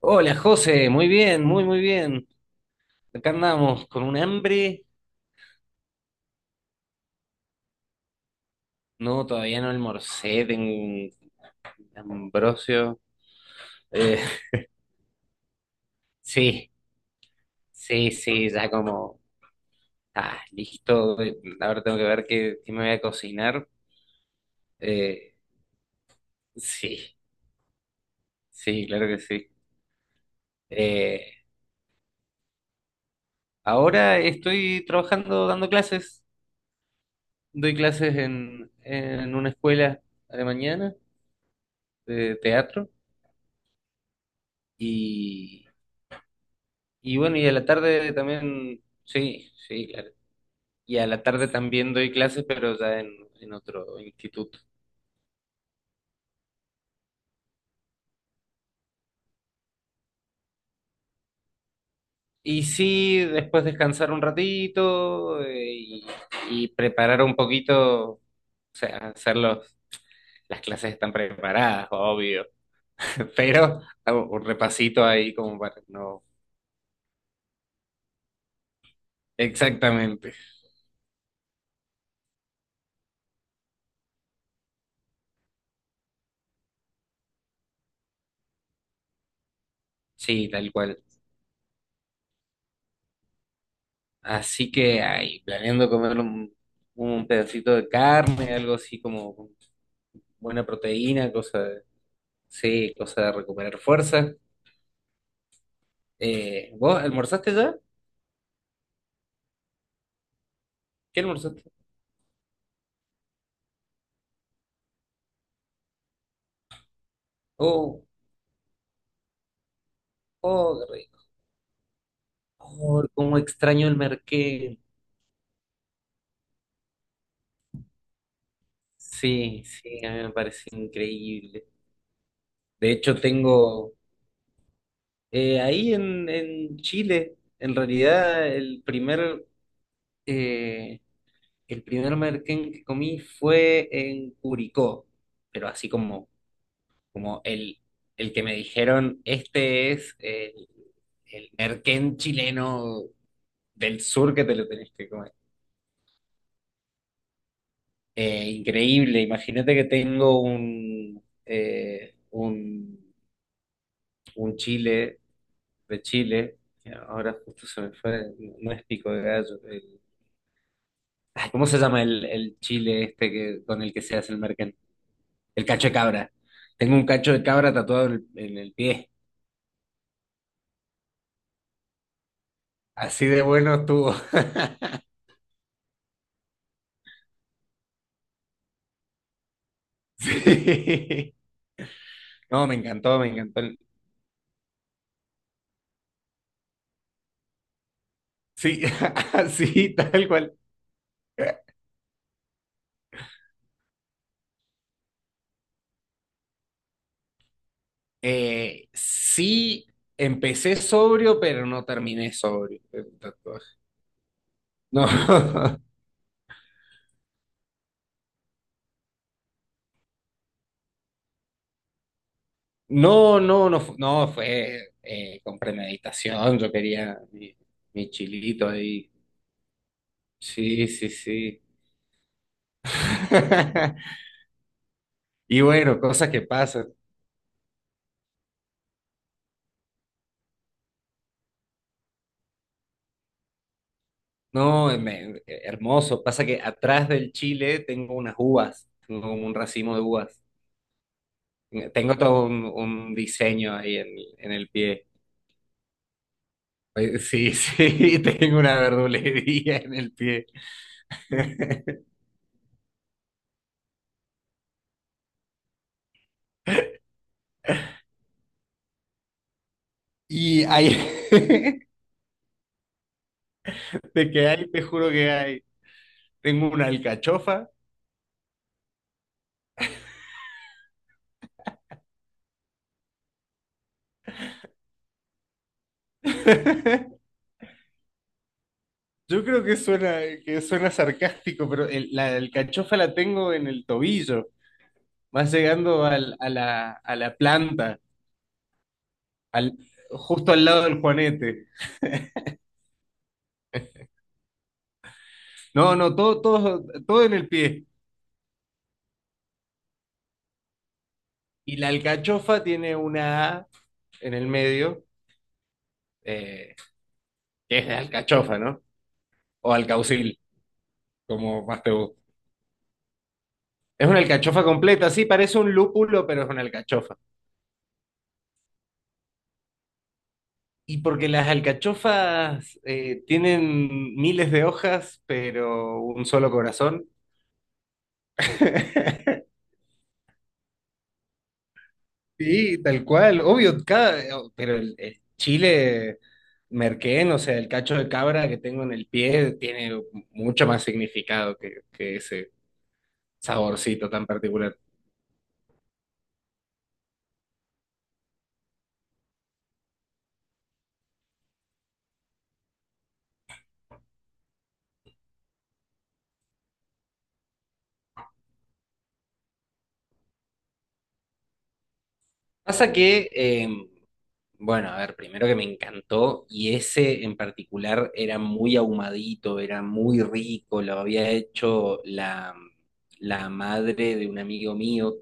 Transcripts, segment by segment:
Hola José, muy bien, muy muy bien. Acá andamos con un hambre. No, todavía no almorcé, tengo un ambrosio. Eh, sí, sí, sí, ya como, ah, listo. Ahora tengo que ver qué me voy a cocinar. Eh, sí, sí, claro que sí. Eh, ahora estoy trabajando dando clases. Doy clases en una escuela a la mañana de teatro y... Y bueno, y a la tarde también, sí, sí, claro. Y a la tarde también doy clases, pero ya en otro instituto. Y sí, después descansar un ratito y preparar un poquito, o sea, hacer las clases están preparadas, obvio, pero hago un repasito ahí como para no... Exactamente, sí, tal cual. Así que ahí, planeando comer un pedacito de carne, algo así como buena proteína, cosa. Sí, cosa de recuperar fuerza. ¿Vos almorzaste ya? ¿Qué almorzaste? Oh, oh, qué rico. Oh, cómo extraño el merquén. Sí, sí, a mí me parece increíble. De hecho, tengo ahí en Chile, en realidad, eh, el primer merquén que comí fue en Curicó, pero así como, como el que me dijeron, este es el merquén chileno del sur que te lo tenés que comer. Increíble, imagínate que tengo un chile de Chile, que ahora justo se me fue, no es pico de gallo, ay, ¿cómo se llama el chile este que, con el que se hace el merquén? El cacho de cabra. Tengo un cacho de cabra tatuado en en el pie, así de bueno estuvo. Sí. No, me encantó, me encantó. Sí, así, tal cual. Sí, empecé sobrio, pero no terminé sobrio el tatuaje. No, no, no, no, no fue con premeditación. Yo quería mi chilito ahí. Sí, sí, sí. Y bueno, cosas que pasan. No, hermoso. Pasa que atrás del chile tengo unas uvas, tengo como un racimo de uvas. Tengo todo un diseño ahí en el pie. Sí, sí, tengo una verdulería en el pie. Y hay, de que hay, te juro que hay. Tengo una alcachofa. Yo creo que suena sarcástico, pero la alcachofa la tengo en el tobillo. Vas llegando a a la planta, al, justo al lado del juanete. No, no, todo, todo, todo en el pie. Y la alcachofa tiene una A en el medio, eh, que es de alcachofa, ¿no? O alcaucil. Como más te gusta. Es una alcachofa completa, sí, parece un lúpulo, pero es una alcachofa. Y porque las alcachofas tienen miles de hojas, pero un solo corazón. Sí, tal cual, obvio, cada, pero el chile merquén, o sea, el cacho de cabra que tengo en el pie, tiene mucho más significado que ese saborcito tan particular. Pasa que Bueno, a ver, primero que me encantó y ese en particular era muy ahumadito, era muy rico, lo había hecho la madre de un amigo mío,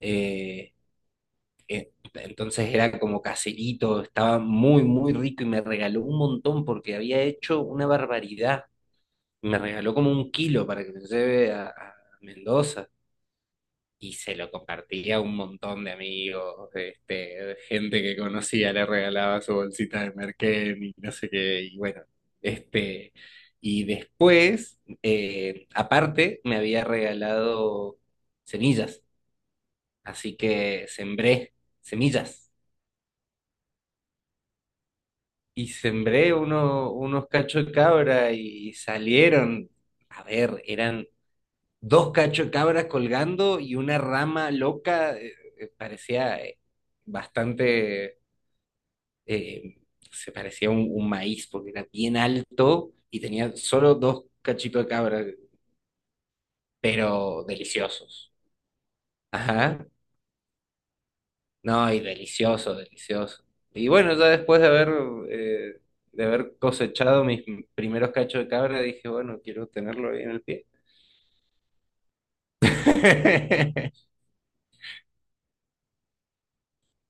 eh, entonces era como caserito, estaba muy, muy rico y me regaló un montón porque había hecho una barbaridad, me regaló como un kilo para que me lleve a Mendoza. Y se lo compartía a un montón de amigos, este, gente que conocía le regalaba su bolsita de merquén y no sé qué, y bueno, este, y después, aparte, me había regalado semillas, así que sembré semillas, y sembré unos cachos de cabra y salieron, a ver, eran dos cacho cabras colgando y una rama loca, parecía bastante, eh, se parecía a un maíz porque era bien alto y tenía solo dos cachitos de cabra, pero deliciosos. Ajá, no, y delicioso, delicioso. Y bueno, ya después eh, de haber cosechado mis primeros cachos de cabra, dije, bueno, quiero tenerlo ahí en el pie.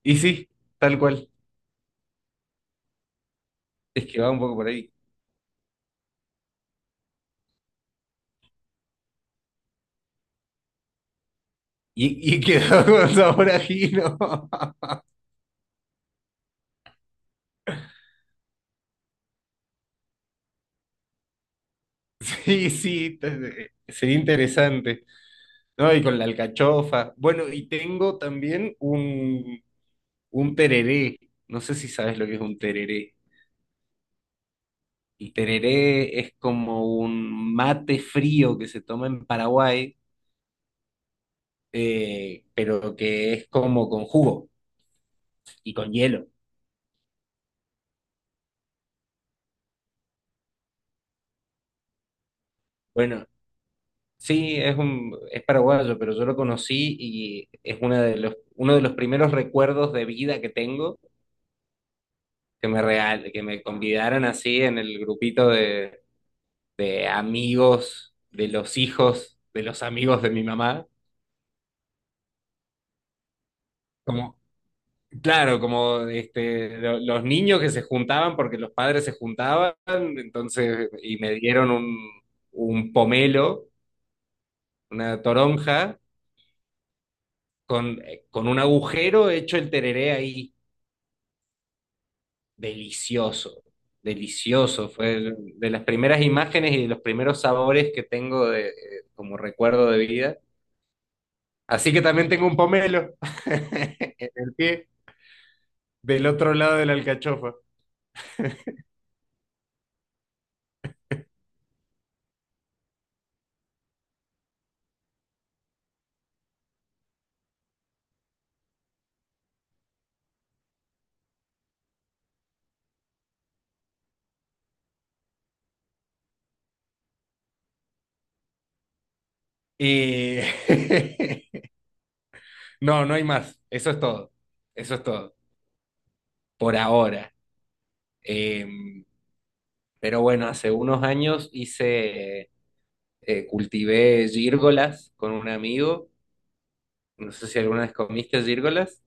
Y sí, tal cual, es que va un poco por ahí. Y quedó con sabor a ajino. Sí, sí, sería interesante. No, y con la alcachofa. Bueno, y tengo también un tereré. No sé si sabes lo que es un tereré. El tereré es como un mate frío que se toma en Paraguay, pero que es como con jugo y con hielo. Bueno, sí, es es paraguayo, pero yo lo conocí y es una de los, uno de los primeros recuerdos de vida que tengo que me real, que me convidaron así en el grupito de amigos de los hijos de los amigos de mi mamá. Como, claro, como este, los niños que se juntaban porque los padres se juntaban, entonces, y me dieron un pomelo, una toronja, con un agujero hecho el tereré ahí. Delicioso, delicioso. Fue de las primeras imágenes y de los primeros sabores que tengo de, como recuerdo de vida. Así que también tengo un pomelo en el pie del otro lado de la alcachofa. Y no, no hay más. Eso es todo. Eso es todo. Por ahora. Em, pero bueno, hace unos años hice, cultivé gírgolas con un amigo. No sé si alguna vez comiste gírgolas.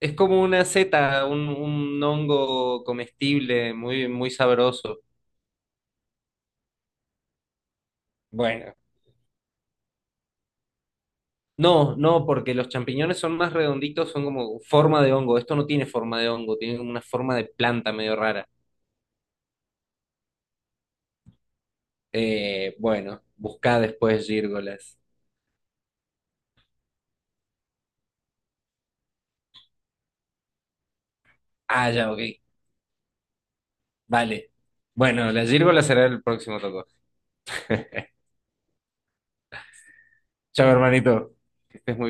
Es como una seta, un hongo comestible muy, muy sabroso. Bueno, no, no, porque los champiñones son más redonditos, son como forma de hongo. Esto no tiene forma de hongo, tiene como una forma de planta medio rara. Bueno, buscá después gírgolas. Ah, ya, ok. Vale. Bueno, las gírgolas será el próximo toco. Chao, hermanito. Que estés muy